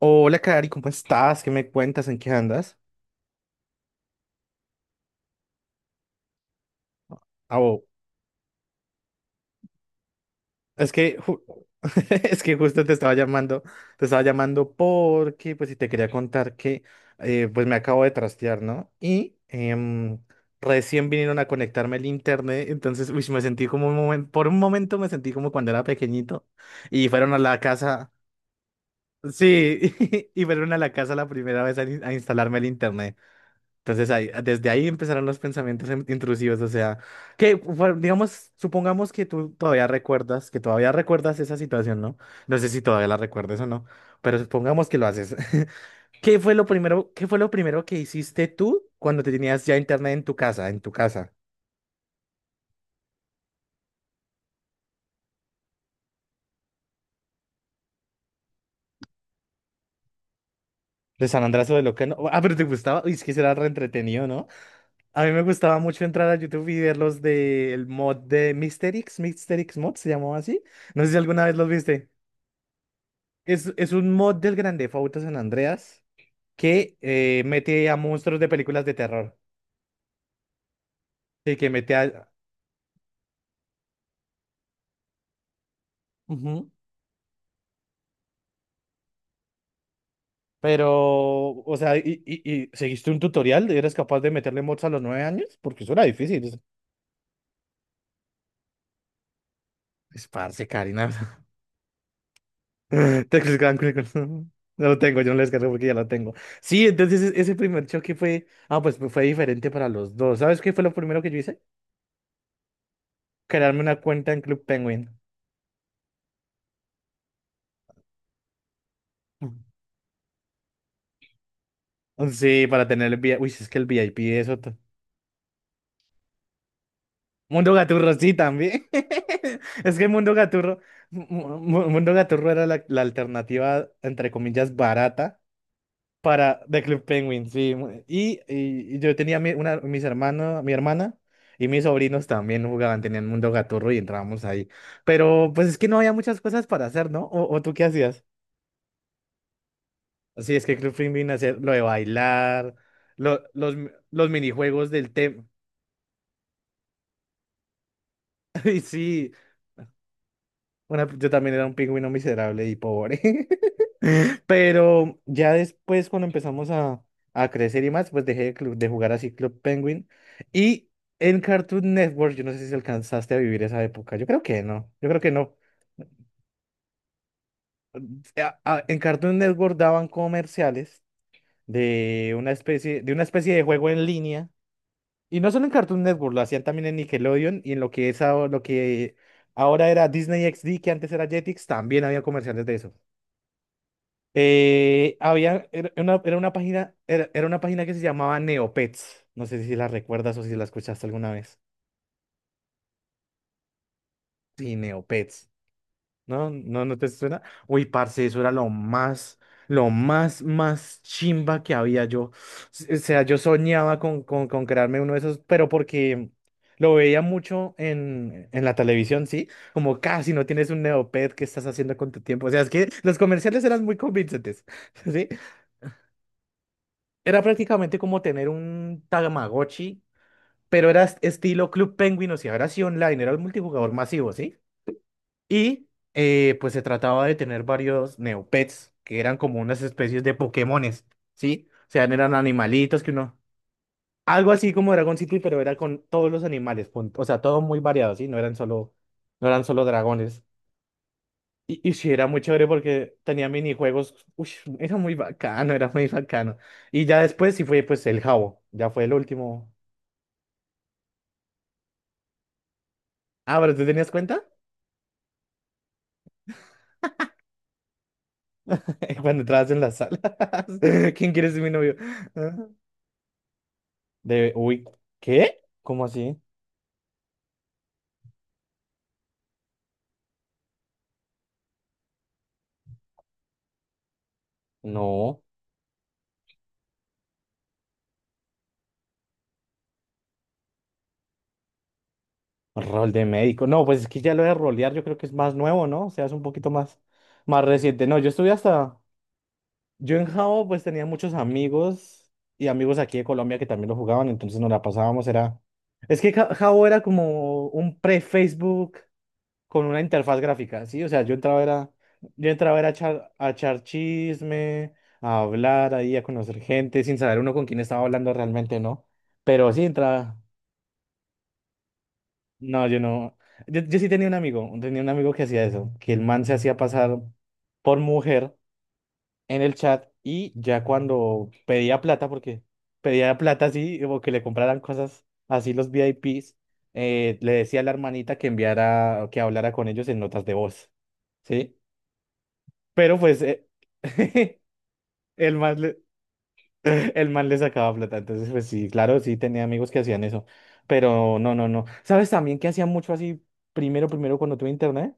Hola, Cari, ¿cómo estás? ¿Qué me cuentas? ¿En qué andas? Ah, oh, es que ju- es que justo te estaba llamando, porque pues si te quería contar que pues me acabo de trastear, ¿no? Y recién vinieron a conectarme el internet, entonces uy, me sentí como un momento, por un momento me sentí como cuando era pequeñito y fueron a la casa, sí, y fueron a la casa la primera vez a instalarme el internet. Entonces ahí, desde ahí empezaron los pensamientos intrusivos, o sea, que bueno, digamos, supongamos que tú todavía recuerdas, que todavía recuerdas esa situación, ¿no? No sé si todavía la recuerdas o no, pero supongamos que lo haces. ¿Qué fue lo primero, qué fue lo primero que hiciste tú cuando te tenías ya internet en tu casa, en tu casa? De San Andrés o de lo que no. Ah, pero te gustaba. Uy, es que será re entretenido, ¿no? A mí me gustaba mucho entrar a YouTube y ver los del mod de Mysterix, Mysterix Mod, se llamaba así. No sé si alguna vez los viste. Es un mod del Grand Theft Auto San Andreas que mete a monstruos de películas de terror. Sí, que mete a... Ujú. Pero, o sea, y seguiste un tutorial? ¿Eres capaz de meterle mods a los 9 años? Porque eso era difícil. Es parce, Karina. Texas Grand Chronicles. No lo tengo, yo no lo descargué porque ya lo tengo. Sí, entonces ese primer choque fue... Ah, pues, fue diferente para los dos. ¿Sabes qué fue lo primero que yo hice? Crearme una cuenta en Club Penguin. Ujú. Sí, para tener el VIP. Uy, es que el VIP, otro Mundo Gaturro, sí, también. Es que Mundo Gaturro, Mu- Mundo Gaturro era la, la alternativa, entre comillas, barata para The Club Penguin, sí. Y yo tenía mi, una, mis hermanos, mi hermana y mis sobrinos también jugaban, tenían Mundo Gaturro y entrábamos ahí. Pero pues es que no había muchas cosas para hacer, ¿no? O tú qué hacías? Sí, es que Club Penguin hacía lo de bailar, lo- los, los minijuegos del tema. Sí, yo también era un pingüino miserable y pobre. Pero ya después, cuando empezamos a crecer y más, pues dejé de, de jugar así Club Penguin. Y en Cartoon Network, yo no sé si alcanzaste a vivir esa época. Yo creo que no. Yo creo que no. En Cartoon Network daban comerciales de una especie, de una especie de juego en línea. Y no solo en Cartoon Network, lo hacían también en Nickelodeon y en lo que es ahora, lo que ahora era Disney XD, que antes era Jetix, también había comerciales de eso. Había, era una página, era, era una página que se llamaba Neopets. No sé si la recuerdas o si la escuchaste alguna vez. Sí, Neopets. ¿No? ¿No, no te suena? Uy, parce, eso era lo más, más chimba que había yo. O sea, yo soñaba con crearme uno de esos, pero porque lo veía mucho en la televisión, ¿sí? Como casi no tienes un Neopet, ¿qué estás haciendo con tu tiempo? O sea, es que los comerciales eran muy convincentes, ¿sí? Era prácticamente como tener un Tamagotchi, pero era estilo Club Penguin, o sea, era así online, era el multijugador masivo, ¿sí? Y pues se trataba de tener varios Neopets, que eran como unas especies de Pokémones, ¿sí? O sea, eran animalitos que uno... Algo así como Dragon City, pero era con todos los animales, punto. O sea, todo muy variado, ¿sí? No eran solo dragones. Y sí, era muy chévere porque tenía minijuegos. Uy, era muy bacano, era muy bacano. Y ya después sí fue pues el Jabo, ya fue el último Ah, pero ¿tú tenías cuenta? Cuando entrabas en las salas. ¿Quién quiere ser mi novio? Ah, uy, ¿qué? ¿Cómo así? No, rol de médico. No, pues es que ya lo de rolear yo creo que es más nuevo, ¿no? O sea, es un poquito más, más reciente. No, yo estuve hasta... Yo en Jao pues tenía muchos amigos y amigos aquí de Colombia que también lo jugaban, entonces nos la pasábamos, era... Es que Jao era como un pre-Facebook con una interfaz gráfica, ¿sí? O sea, yo entraba era a echar chisme, a hablar ahí, a conocer gente, sin saber uno con quién estaba hablando realmente, ¿no? Pero sí entraba, no, yo no, yo sí tenía un amigo que hacía eso, que el man se hacía pasar por mujer en el chat y ya cuando pedía plata, porque pedía plata así, o que le compraran cosas así los VIPs, le decía a la hermanita que enviara, que hablara con ellos en notas de voz, ¿sí? Pero pues el man le, el man le sacaba plata. Entonces, pues sí, claro, sí tenía amigos que hacían eso. Pero no, no, no. ¿Sabes también que hacía mucho así primero cuando tuve internet?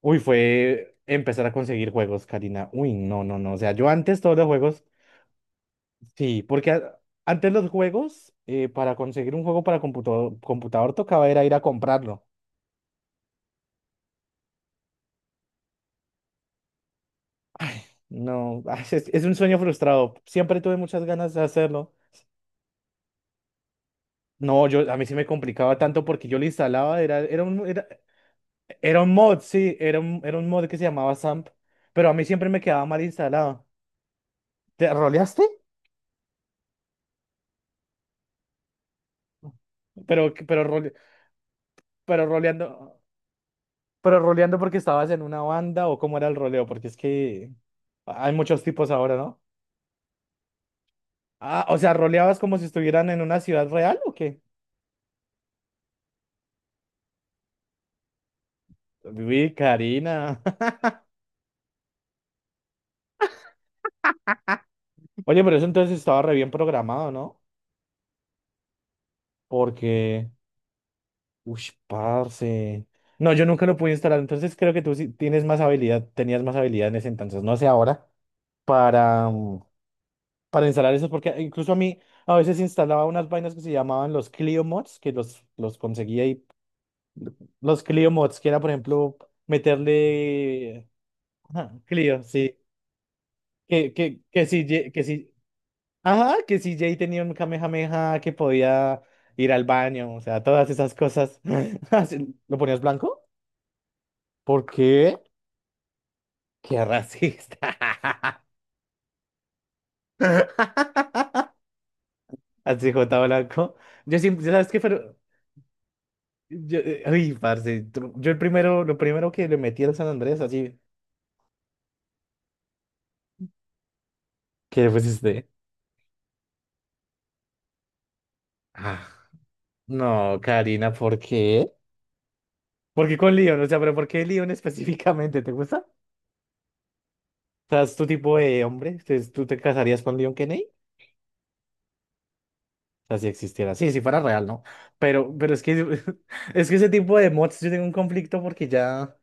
Uy, fue empezar a conseguir juegos, Karina. Uy, no, no, no. O sea, yo antes todos los juegos, sí, porque antes los juegos, para conseguir un juego para computador, computador tocaba era ir a comprarlo. No, es un sueño frustrado. Siempre tuve muchas ganas de hacerlo No, yo a mí sí me complicaba tanto porque yo le instalaba, era un mod, sí, era un mod que se llamaba SAMP, pero a mí siempre me quedaba mal instalado. ¿Te roleaste? Pero, que- pero, role- pero roleando, pero roleando porque estabas en una banda o cómo era el roleo, porque es que hay muchos tipos ahora, ¿no? Ah, o sea, roleabas como si estuvieran en una ciudad real o qué? Uy, Karina. Oye, pero eso entonces estaba re bien programado, ¿no? Porque Uy, parce. No, yo nunca lo pude instalar, entonces creo que tú sí tienes más habilidad, tenías más habilidad en ese entonces, no sé ahora, para, mm, para instalar eso, porque incluso a mí a veces instalaba unas vainas que se llamaban los Clio Mods, que los conseguía y los Clio Mods, que era, por ejemplo, meterle... Ajá, Clio, sí. Que ajá, que si Jay tenía un Kamehameha que podía ir al baño, o sea, todas esas cosas. ¿Lo ponías blanco? ¿Por qué? Qué racista. Así, J Blanco. Yo siempre, ¿sabes qué? Pero, yo, ay, parce, yo el primero, lo primero que le metí al San Andrés, así, ¿Qué fue este. Ah, no, Karina, ¿por qué? ¿Por qué con Leon? O sea, pero ¿por qué Leon específicamente? ¿Te gusta? O sea, es tu tipo de hombre. Entonces, ¿Tú te casarías con Leon Kennedy? O sea, si existiera. Sí, si fuera real, ¿no? Pero es que, es que ese tipo de mods yo tengo un conflicto porque ya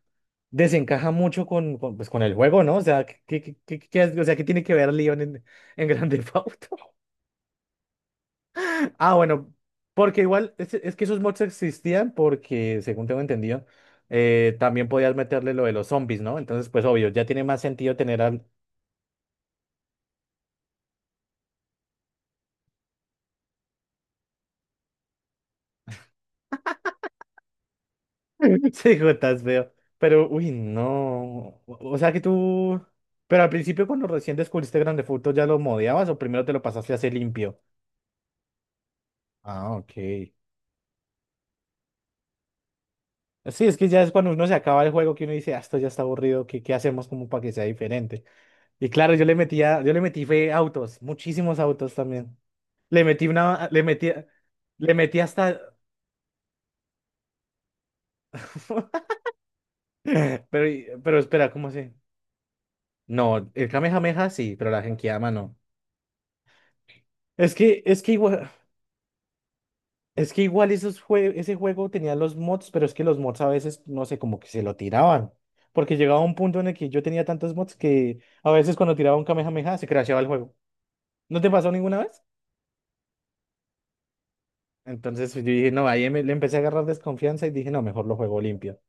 desencaja mucho con, pues, con el juego, ¿no? O sea, o sea, ¿qué tiene que ver Leon en Grand Theft Auto? Ah, bueno, porque igual es que esos mods existían porque, según tengo entendido, también podías meterle lo de los zombies, ¿no? Entonces, pues obvio, ya tiene más sentido tener a Sí, hijo, estás feo. Pero, uy, no. O sea que tú. Pero al principio, cuando recién descubriste Grande Furto, ¿ya lo modeabas o primero te lo pasaste así limpio? Ah, ok. Sí, es que ya es cuando uno se acaba el juego que uno dice, ah, esto ya está aburrido, ¿qué, qué hacemos como para que sea diferente? Y claro, yo le metía, yo le metí fue autos, muchísimos autos también. Le metí una, le metí hasta. Pero, pero espera, ¿cómo se? No, el Kamehameha sí, pero la Genkidama no. Es que, es que igual. Es que igual esos ese juego tenía los mods, pero es que los mods a veces, no sé, como que se lo tiraban. Porque llegaba un punto en el que yo tenía tantos mods que a veces cuando tiraba un Kamehameha se crasheaba el juego. ¿No te pasó ninguna vez? Entonces yo dije, no, ahí le empecé a agarrar desconfianza y dije, no, mejor lo juego limpio.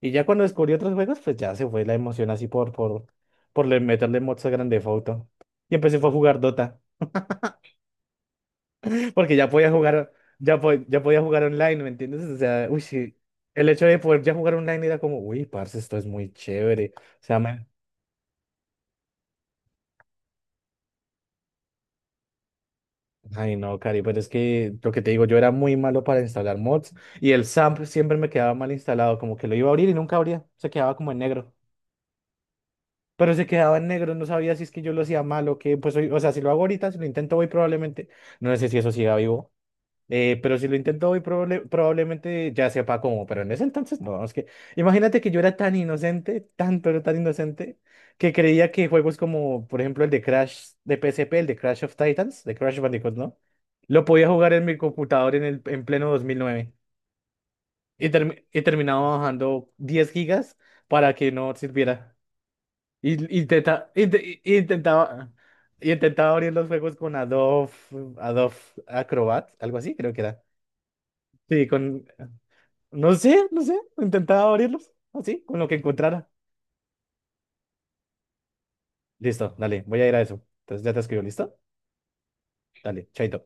Y ya cuando descubrí otros juegos, pues ya se fue la emoción así por meterle mods a grande foto Y empecé fue a jugar Dota. Porque ya podía jugar, ya podía jugar online, ¿me entiendes? O sea, uy, sí, el hecho de poder ya jugar online era como, uy, parce, esto es muy chévere. O sea, ay, no, Cari, pero es que lo que te digo, yo era muy malo para instalar mods y el SAMP siempre me quedaba mal instalado, como que lo iba a abrir y nunca abría, se quedaba como en negro. Pero se quedaba en negro, no sabía si es que yo lo hacía mal o qué, pues, o sea, si lo hago ahorita, si lo intento hoy probablemente, no sé si eso siga vivo. Pero si lo intento hoy, probablemente ya sepa cómo, pero en ese entonces no, es que imagínate que yo era tan inocente, tan pero tan inocente, que creía que juegos como, por ejemplo, el de Crash de PSP, el de Crash of Titans, de Crash Bandicoot, ¿no? Lo podía jugar en mi computador en, el, en pleno 2009 y, terminaba bajando 10 gigas para que no sirviera. Y, intenta- inte- y- intentaba, y intentaba abrir los juegos con Adobe, Adobe Acrobat, algo así creo que era. Sí, con... No sé, no sé. Intentaba abrirlos. Así, con lo que encontrara. Listo, dale, voy a ir a eso. Entonces ya te escribo, ¿listo? Dale, chaito.